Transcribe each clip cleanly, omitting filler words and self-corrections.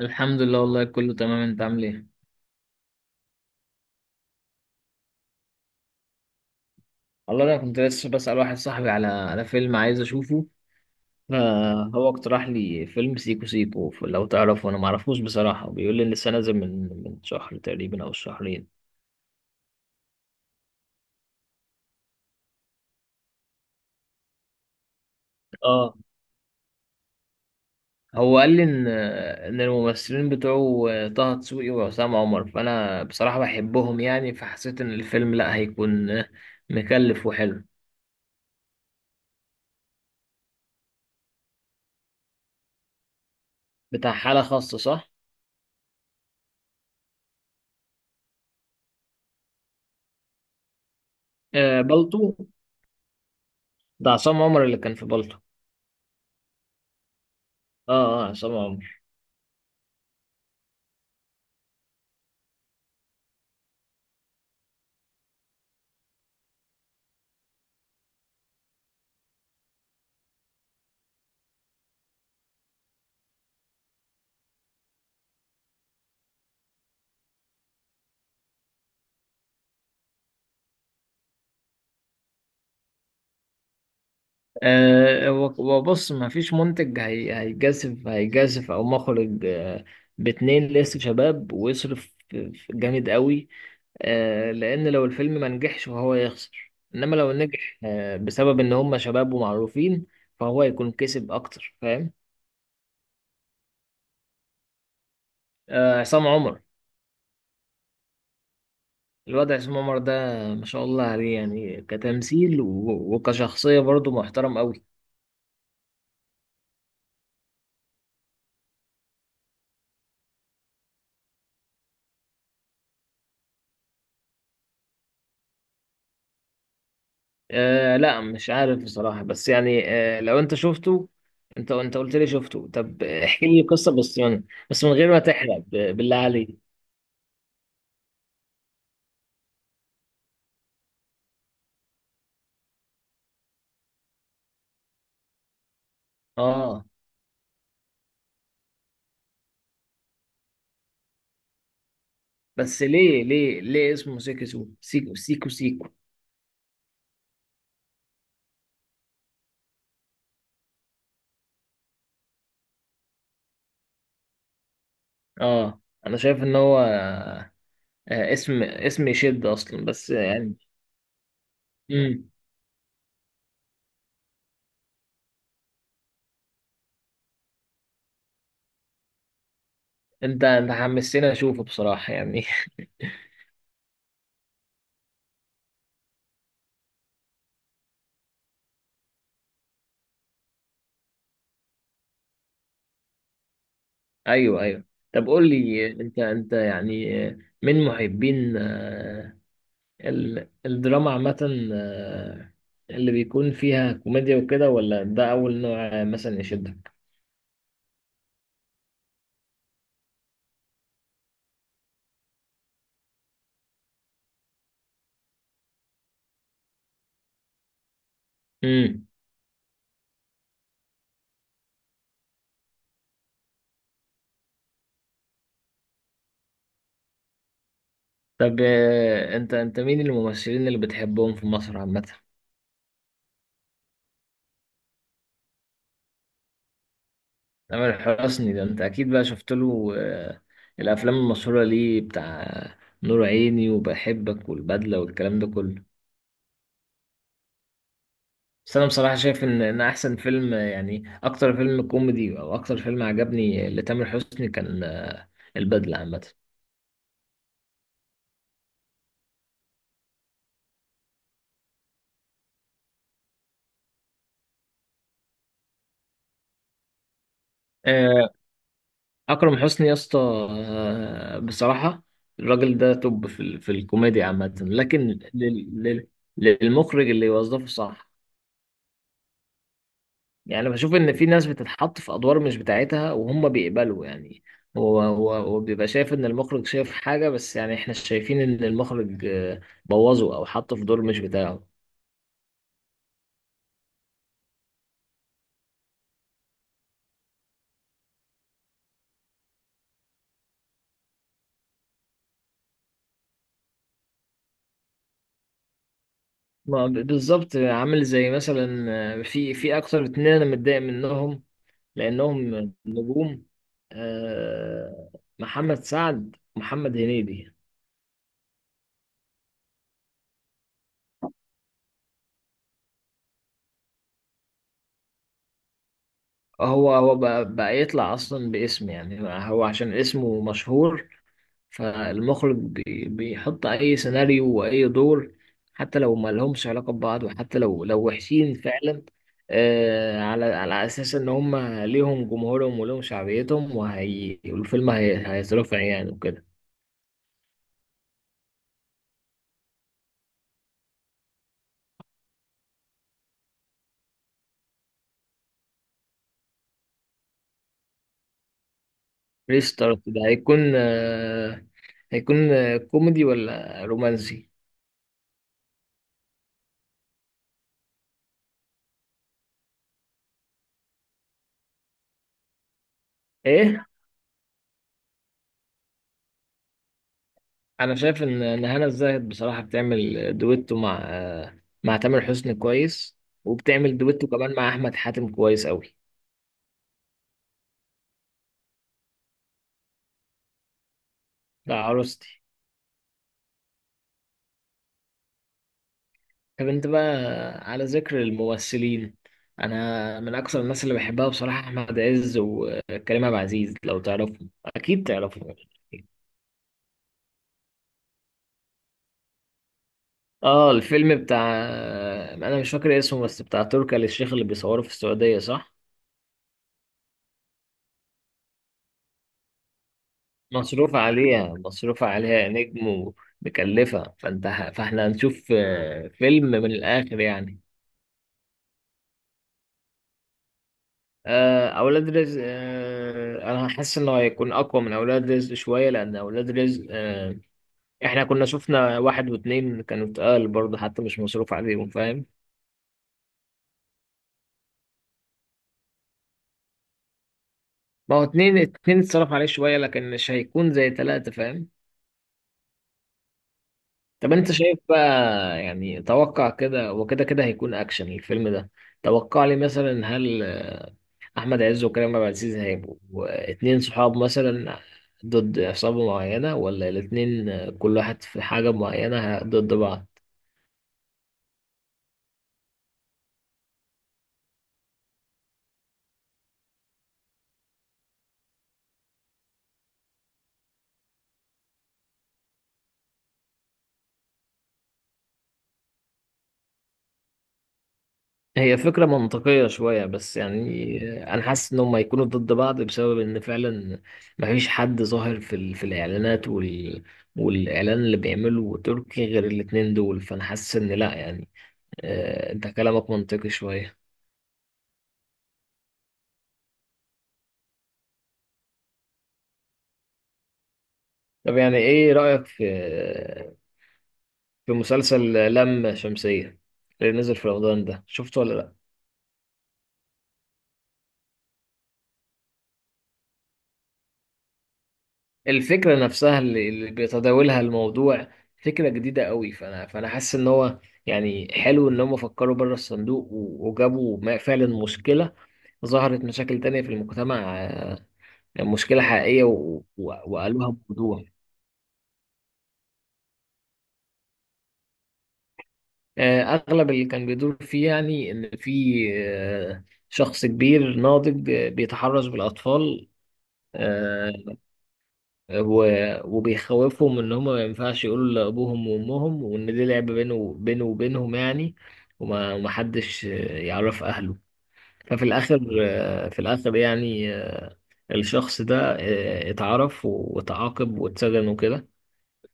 الحمد لله، والله كله تمام. انت عامل ايه؟ والله انا كنت لسه بسأل واحد صاحبي على فيلم عايز اشوفه. فهو اقترح لي فيلم سيكو سيكو. لو تعرفه، انا معرفوش بصراحة. بيقول لي لسه نازل من شهر تقريبا او شهرين. اه، هو قال لي ان الممثلين بتوعه طه دسوقي وعصام عمر. فانا بصراحة بحبهم يعني، فحسيت ان الفيلم لا هيكون مكلف وحلو. بتاع حالة خاصة، صح؟ آه، بالطو. ده عصام عمر اللي كان في بالطو. اه، عصام عمر. أه، وبص. ما فيش منتج هي هيجازف هيجازف او مخرج باتنين لسه شباب، ويصرف جامد قوي. لان لو الفيلم ما نجحش فهو يخسر، انما لو نجح بسبب ان هم شباب ومعروفين، فهو يكون كسب اكتر، فاهم؟ أه، عصام عمر. الواد عصام عمر ده ما شاء الله عليه، يعني كتمثيل وكشخصية برضه محترم قوي. آه، لا، مش عارف بصراحة، بس يعني لو انت شفته، انت قلت لي شفته، طب احكي لي قصة، بس من بس من غير ما تحرق، بالله عليك. اه، بس ليه اسمه سيكو سيكو؟ اه، انا شايف ان هو اسم يشد اصلا، بس يعني امم انت حمستني اشوفه بصراحة يعني. ايوه، ايوه. طب قول لي، انت يعني من محبين الدراما عامة، اللي بيكون فيها كوميديا وكده، ولا ده أول نوع مثلا يشدك؟ امم. طب، أنت مين الممثلين اللي بتحبهم في مصر عامة؟ تامر حسني ده أنت أكيد بقى شفت له الأفلام المشهورة ليه، بتاع نور عيني وبحبك والبدلة والكلام ده كله. بس أنا بصراحة شايف إن أحسن فيلم يعني أكتر فيلم كوميدي أو أكتر فيلم عجبني لتامر حسني كان البدلة عامة. اكرم حسني يا اسطى، بصراحه الراجل ده توب في في الكوميديا عامه، لكن لل... لل... للمخرج اللي يوظفه، صح؟ يعني بشوف ان في ناس بتتحط في ادوار مش بتاعتها، وهم بيقبلوا يعني. هو بيبقى شايف ان المخرج شايف حاجه، بس يعني احنا شايفين ان المخرج بوظه او حطه في دور مش بتاعه. ما ب- بالظبط، عامل زي مثلا في اكتر اتنين انا متضايق منهم، لأنهم نجوم. آه، محمد سعد، محمد هنيدي. هو بقى يطلع أصلا باسم يعني، هو عشان اسمه مشهور، فالمخرج بيحط أي سيناريو وأي دور حتى لو ما لهمش علاقة ببعض، وحتى لو وحشين فعلا. على أساس إن هم ليهم جمهورهم وليهم شعبيتهم، وهي والفيلم هيترفع يعني وكده. ريستارت ده هيكون هيكون كوميدي ولا رومانسي؟ ايه. انا شايف ان هنا الزاهد بصراحه بتعمل دويتو مع مع تامر حسني كويس، وبتعمل دويتو كمان مع احمد حاتم كويس قوي. لا، عروستي. طب انت بقى، على ذكر الممثلين، انا من اكثر الناس اللي بحبها بصراحه احمد عز وكريم عبد العزيز. لو تعرفهم، اكيد تعرفهم. اه، الفيلم بتاع، انا مش فاكر اسمه، بس بتاع تركي آل الشيخ اللي بيصوره في السعودية، صح؟ مصروف عليها، مصروف عليها نجم ومكلفة. فاحنا هنشوف فيلم من الاخر يعني. اولاد رزق، انا حاسس انه هيكون اقوى من اولاد رزق شوية، لان اولاد رزق احنا كنا شفنا واحد واتنين كانوا اتقال برضه حتى مش مصروف عليهم، فاهم؟ ما هو اتنين اتصرف عليه شوية، لكن مش هيكون زي تلاتة، فاهم؟ طب انت شايف بقى، يعني توقع كده، وكده كده هيكون اكشن الفيلم ده. توقع لي مثلا: هل احمد عز وكريم عبد العزيز هيبقوا اتنين صحاب مثلا ضد عصابة معينة، ولا الاتنين كل واحد في حاجة معينة ضد بعض؟ هي فكرة منطقية شوية بس يعني. انا حاسس ان هم هيكونوا ضد بعض بسبب ان فعلا مفيش حد ظاهر في في الاعلانات والاعلان اللي بيعمله تركي غير الاتنين دول، فانا حاسس ان لا يعني انت كلامك منطقي شوية. طب يعني ايه رأيك في مسلسل لام شمسية اللي نزل في رمضان ده، شفته ولا لا؟ الفكرة نفسها اللي بيتداولها الموضوع فكرة جديدة قوي. فانا حاسس ان هو يعني حلو ان هم فكروا بره الصندوق وجابوا فعلا مشكلة، ظهرت مشاكل تانية في المجتمع، مشكلة حقيقية وقالوها بوضوح. أغلب اللي كان بيدور فيه يعني إن في آه، شخص كبير ناضج بيتحرش بالأطفال، آه، وبيخوفهم إن هما ما ينفعش يقولوا لأبوهم وأمهم، وإن دي لعبة بينه وبينهم يعني، ومحدش يعرف أهله. ففي الآخر آه، في الآخر يعني الشخص ده اتعرف وتعاقب واتسجن وكده.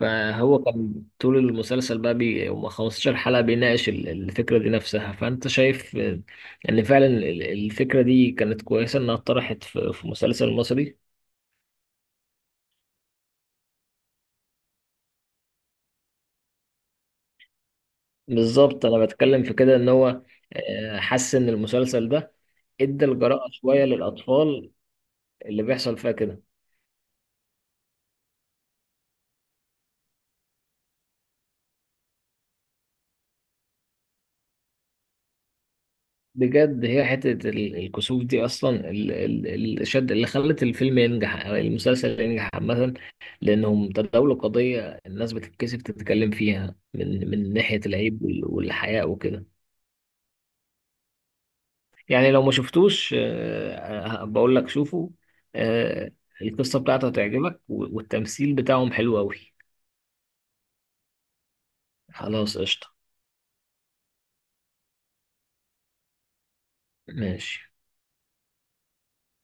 فهو كان طول المسلسل بقى بي هم 15 حلقة بيناقش الفكرة دي نفسها. فأنت شايف إن فعلا الفكرة دي كانت كويسة إنها اتطرحت في مسلسل مصري. بالظبط، أنا بتكلم في كده إن هو حس إن المسلسل ده ادى الجرأة شوية للأطفال اللي بيحصل فيها كده. بجد هي حتة الكسوف دي أصلا الشد اللي خلت الفيلم ينجح أو المسلسل ينجح عامة، لأنهم تداولوا قضية الناس بتتكسف تتكلم فيها، من ناحية العيب والحياء وكده. يعني لو ما شفتوش، بقول لك شوفوا، آه، القصة بتاعته هتعجبك والتمثيل بتاعهم حلو أوي. خلاص، قشطة، ماشي.